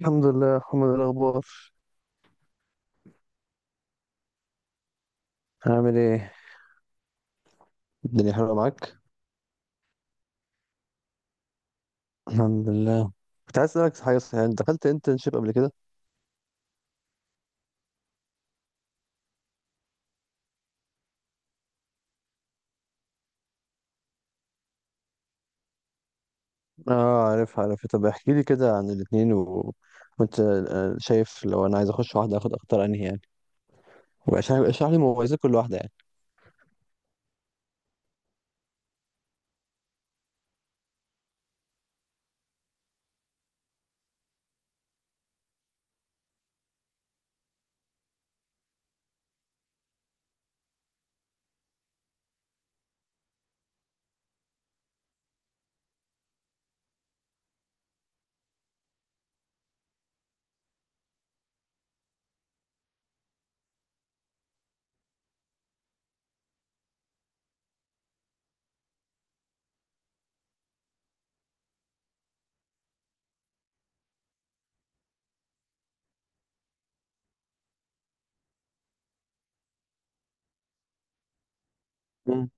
الحمد لله يا محمد، الأخبار عامل إيه؟ الدنيا حلوة معاك. الحمد لله. كنت عايز أسألك، صحيح أنت دخلت انترنشيب قبل كده؟ آه، عارف عارف. طب احكي لي كده عن الاتنين و وأنت شايف لو أنا عايز أخش واحدة آخد أختار أنهي يعني، وعشان اشرح لي مميزات كل واحدة يعني. مم.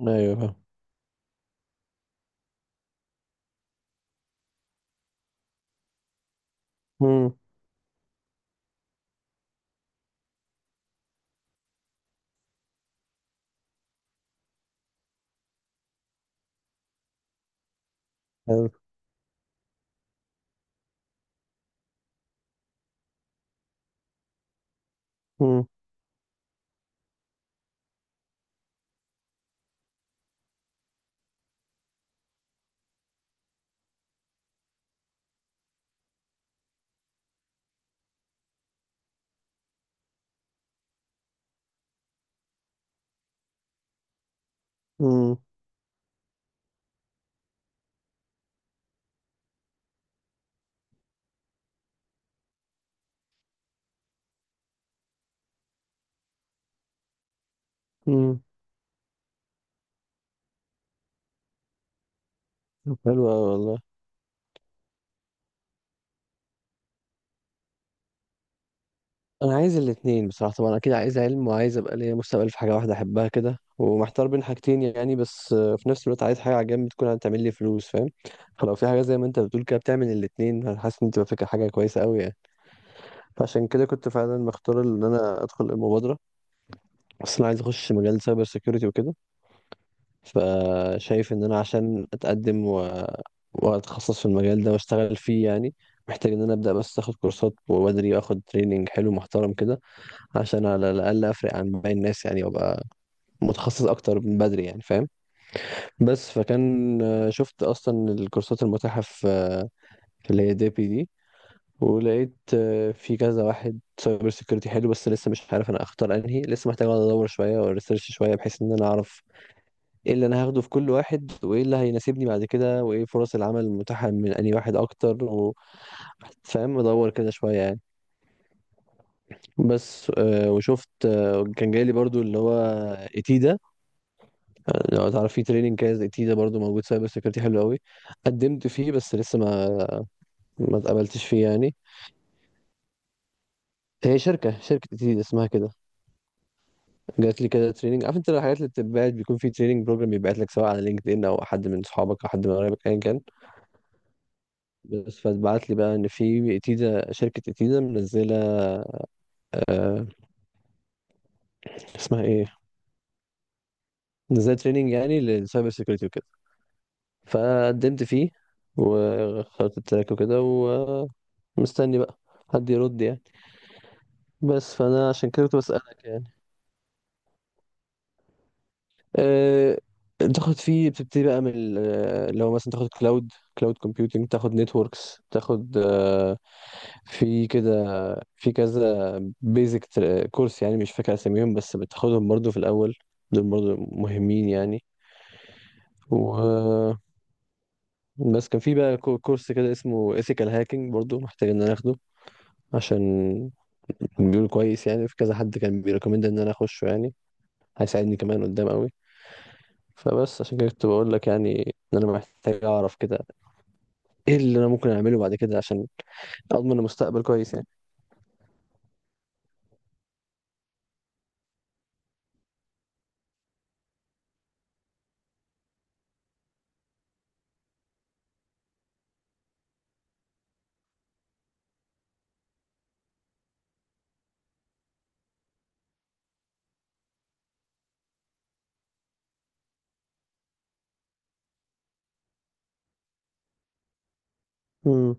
ايوه، فاهم. مم. حلو. مم. مم. مم. حلو أوي والله. انا عايز الاتنين بصراحه، طبعا اكيد عايز علم وعايز ابقى ليا مستقبل في حاجه واحده احبها كده، ومحتار بين حاجتين يعني، بس في نفس الوقت عايز حاجه على جنب تكون هتعمل لي فلوس، فاهم. فلو في حاجه زي ما انت بتقول كده بتعمل الاتنين، انا حاسس ان تبقى فكره، حاجه كويسه قوي يعني. فعشان كده كنت فعلا مختار ان انا ادخل المبادره، بس انا عايز اخش مجال سايبر سيكيورتي وكده. فشايف ان انا عشان اتقدم و واتخصص في المجال ده واشتغل فيه يعني، محتاج ان انا ابدا، بس اخد كورسات وبدري اخد تريننج حلو محترم كده، عشان على الأقل أفرق عن باقي الناس يعني، وأبقى متخصص أكتر من بدري يعني، فاهم. بس فكان، شفت أصلا الكورسات المتاحة في اللي هي دي بي دي، ولقيت في كذا واحد سايبر سيكيورتي حلو، بس لسه مش عارف أنا أختار أنهي، لسه محتاج أقعد أدور شوية وريسيرش شوية بحيث إن أنا أعرف إيه اللي أنا هاخده في كل واحد، وإيه اللي هيناسبني بعد كده، وإيه فرص العمل المتاحة من أنهي واحد أكتر و فاهم، أدور كده شوية يعني. بس وشفت كان جاي لي برضو اللي هو إيتيدا. لو تعرف، في تريننج كده زي تيدا برضو موجود سايبر سيكيورتي حلو قوي. قدمت فيه، بس لسه ما اتقبلتش فيه يعني. هي شركة تيدا اسمها كده. جات لي كده تريننج، عارف انت الحاجات اللي بتتبعت بيكون في تريننج بروجرام بيبعت لك سواء على لينكد ان، او حد من صحابك، او حد من قرايبك، ايا كان. بس فاتبعت لي بقى ان في تيدا شركة تيدا منزلة آه، اسمها ايه، منزلة تريننج يعني للسايبر سيكيورتي وكده. فقدمت فيه، وخدت التراك وكده، ومستني بقى حد يرد يعني. بس فانا عشان كده كنت بسألك يعني. أه. تاخد فيه، بتبتدي بقى من ال- آه، لو مثلا تاخد كلاود كومبيوتنج، تاخد نتوركس، تاخد في كده، في كذا بيزك كورس يعني، مش فاكر اساميهم، بس بتاخدهم برضو في الاول، دول برضو مهمين يعني. و بس كان في بقى كورس كده اسمه ethical hacking برضو محتاج ان انا اخده، عشان بيقول كويس يعني، في كذا حد كان بيريكومند ان انا اخشه يعني، هيساعدني كمان قدام قوي. فبس عشان كده كنت بقول لك يعني ان انا محتاج اعرف كده ايه اللي انا ممكن اعمله بعد كده عشان اضمن مستقبل كويس يعني. امم.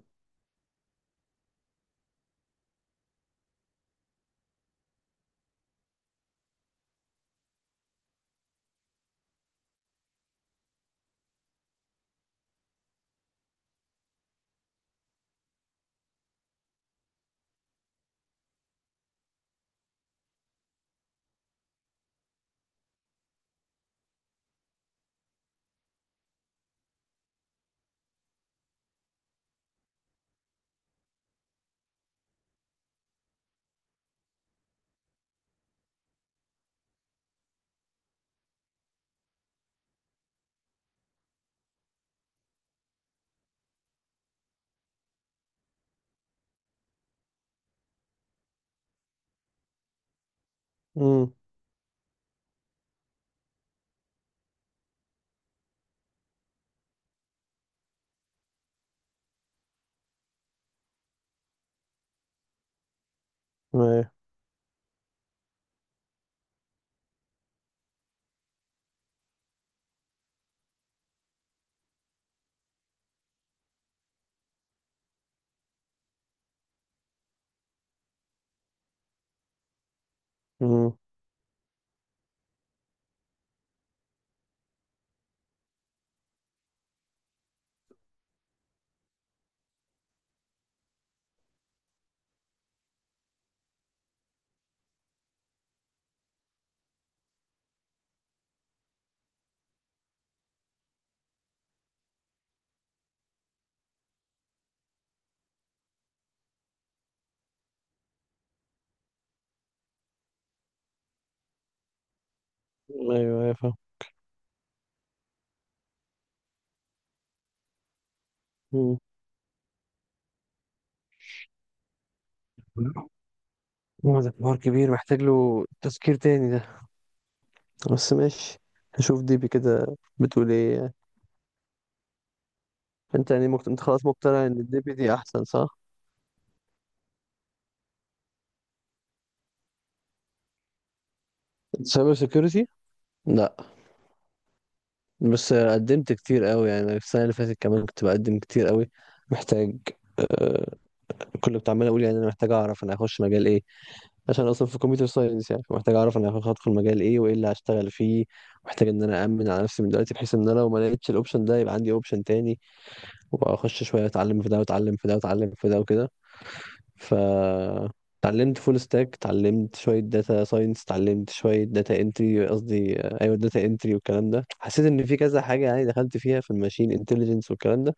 امم. ايوه. امم. ايوه، ايوه، فاهم. مم. هو ده حوار كبير محتاج له تذكير تاني ده، بس ماشي، هشوف ديبي كده بتقول ايه يعني. انت يعني انت خلاص مقتنع ان الديبي دي احسن، صح؟ سايبر سيكيورتي؟ لا. بس قدمت كتير قوي يعني، السنة اللي فاتت كمان كنت بقدم كتير قوي. محتاج آه، كل كنت عمال اقول يعني انا محتاج اعرف انا هخش مجال ايه، عشان اصلا في كمبيوتر ساينس يعني، محتاج اعرف انا هدخل مجال ايه وايه اللي هشتغل فيه. محتاج ان انا امن على نفسي من دلوقتي بحيث ان انا لو ما لقيتش الاوبشن ده يبقى عندي اوبشن تاني، وابقى اخش شويه اتعلم في ده واتعلم في ده واتعلم في ده وكده. ف اتعلمت فول ستاك، اتعلمت شويه داتا ساينس، اتعلمت شويه داتا انتري، قصدي ايوه داتا انتري والكلام ده، حسيت ان في كذا حاجه يعني، دخلت فيها في الماشين انتليجنس والكلام ده.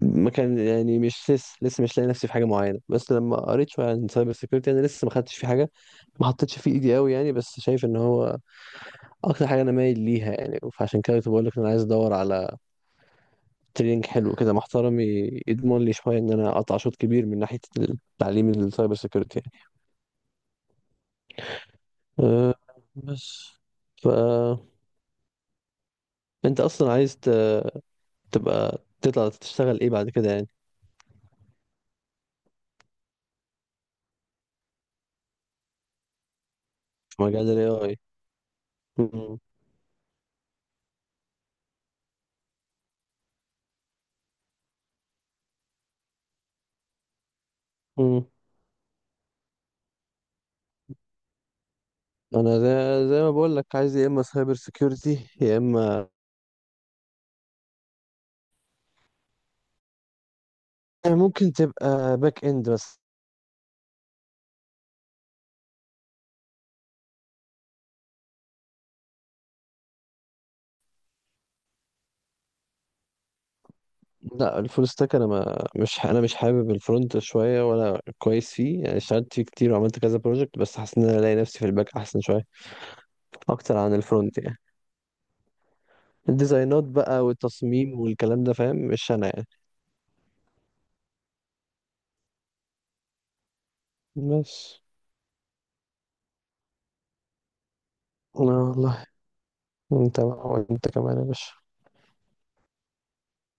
ما كان يعني، مش لسه مش لاقي نفسي في حاجه معينه، بس لما قريت شويه عن سايبر سيكيورتي، انا لسه ما خدتش في حاجه، ما حطيتش فيه ايدي قوي يعني، بس شايف ان هو اكتر حاجه انا مايل ليها يعني، فعشان كده كنت بقول لك ان انا عايز ادور على تريننج حلو كده محترم يضمن لي شويه ان انا اقطع شوط كبير من ناحيه التعليم السايبر سيكيورتي يعني. أه. بس. ف انت اصلا عايز تبقى تطلع تشتغل ايه بعد كده يعني؟ في مجال الاي اي. مم. مم. انا زي ما بقول لك عايز يا اما سايبر سيكيورتي يا اما ممكن تبقى باك اند بس. لا، الفول ستاك انا مش حابب الفرونت شويه، ولا كويس فيه يعني، اشتغلت فيه كتير وعملت كذا بروجكت، بس حاسس ان انا الاقي نفسي في الباك احسن شويه، اكتر عن الفرونت يعني. الديزاينات بقى والتصميم والكلام ده، فاهم، مش انا يعني. بس. لا والله. انت بقى وانت كمان يا باشا.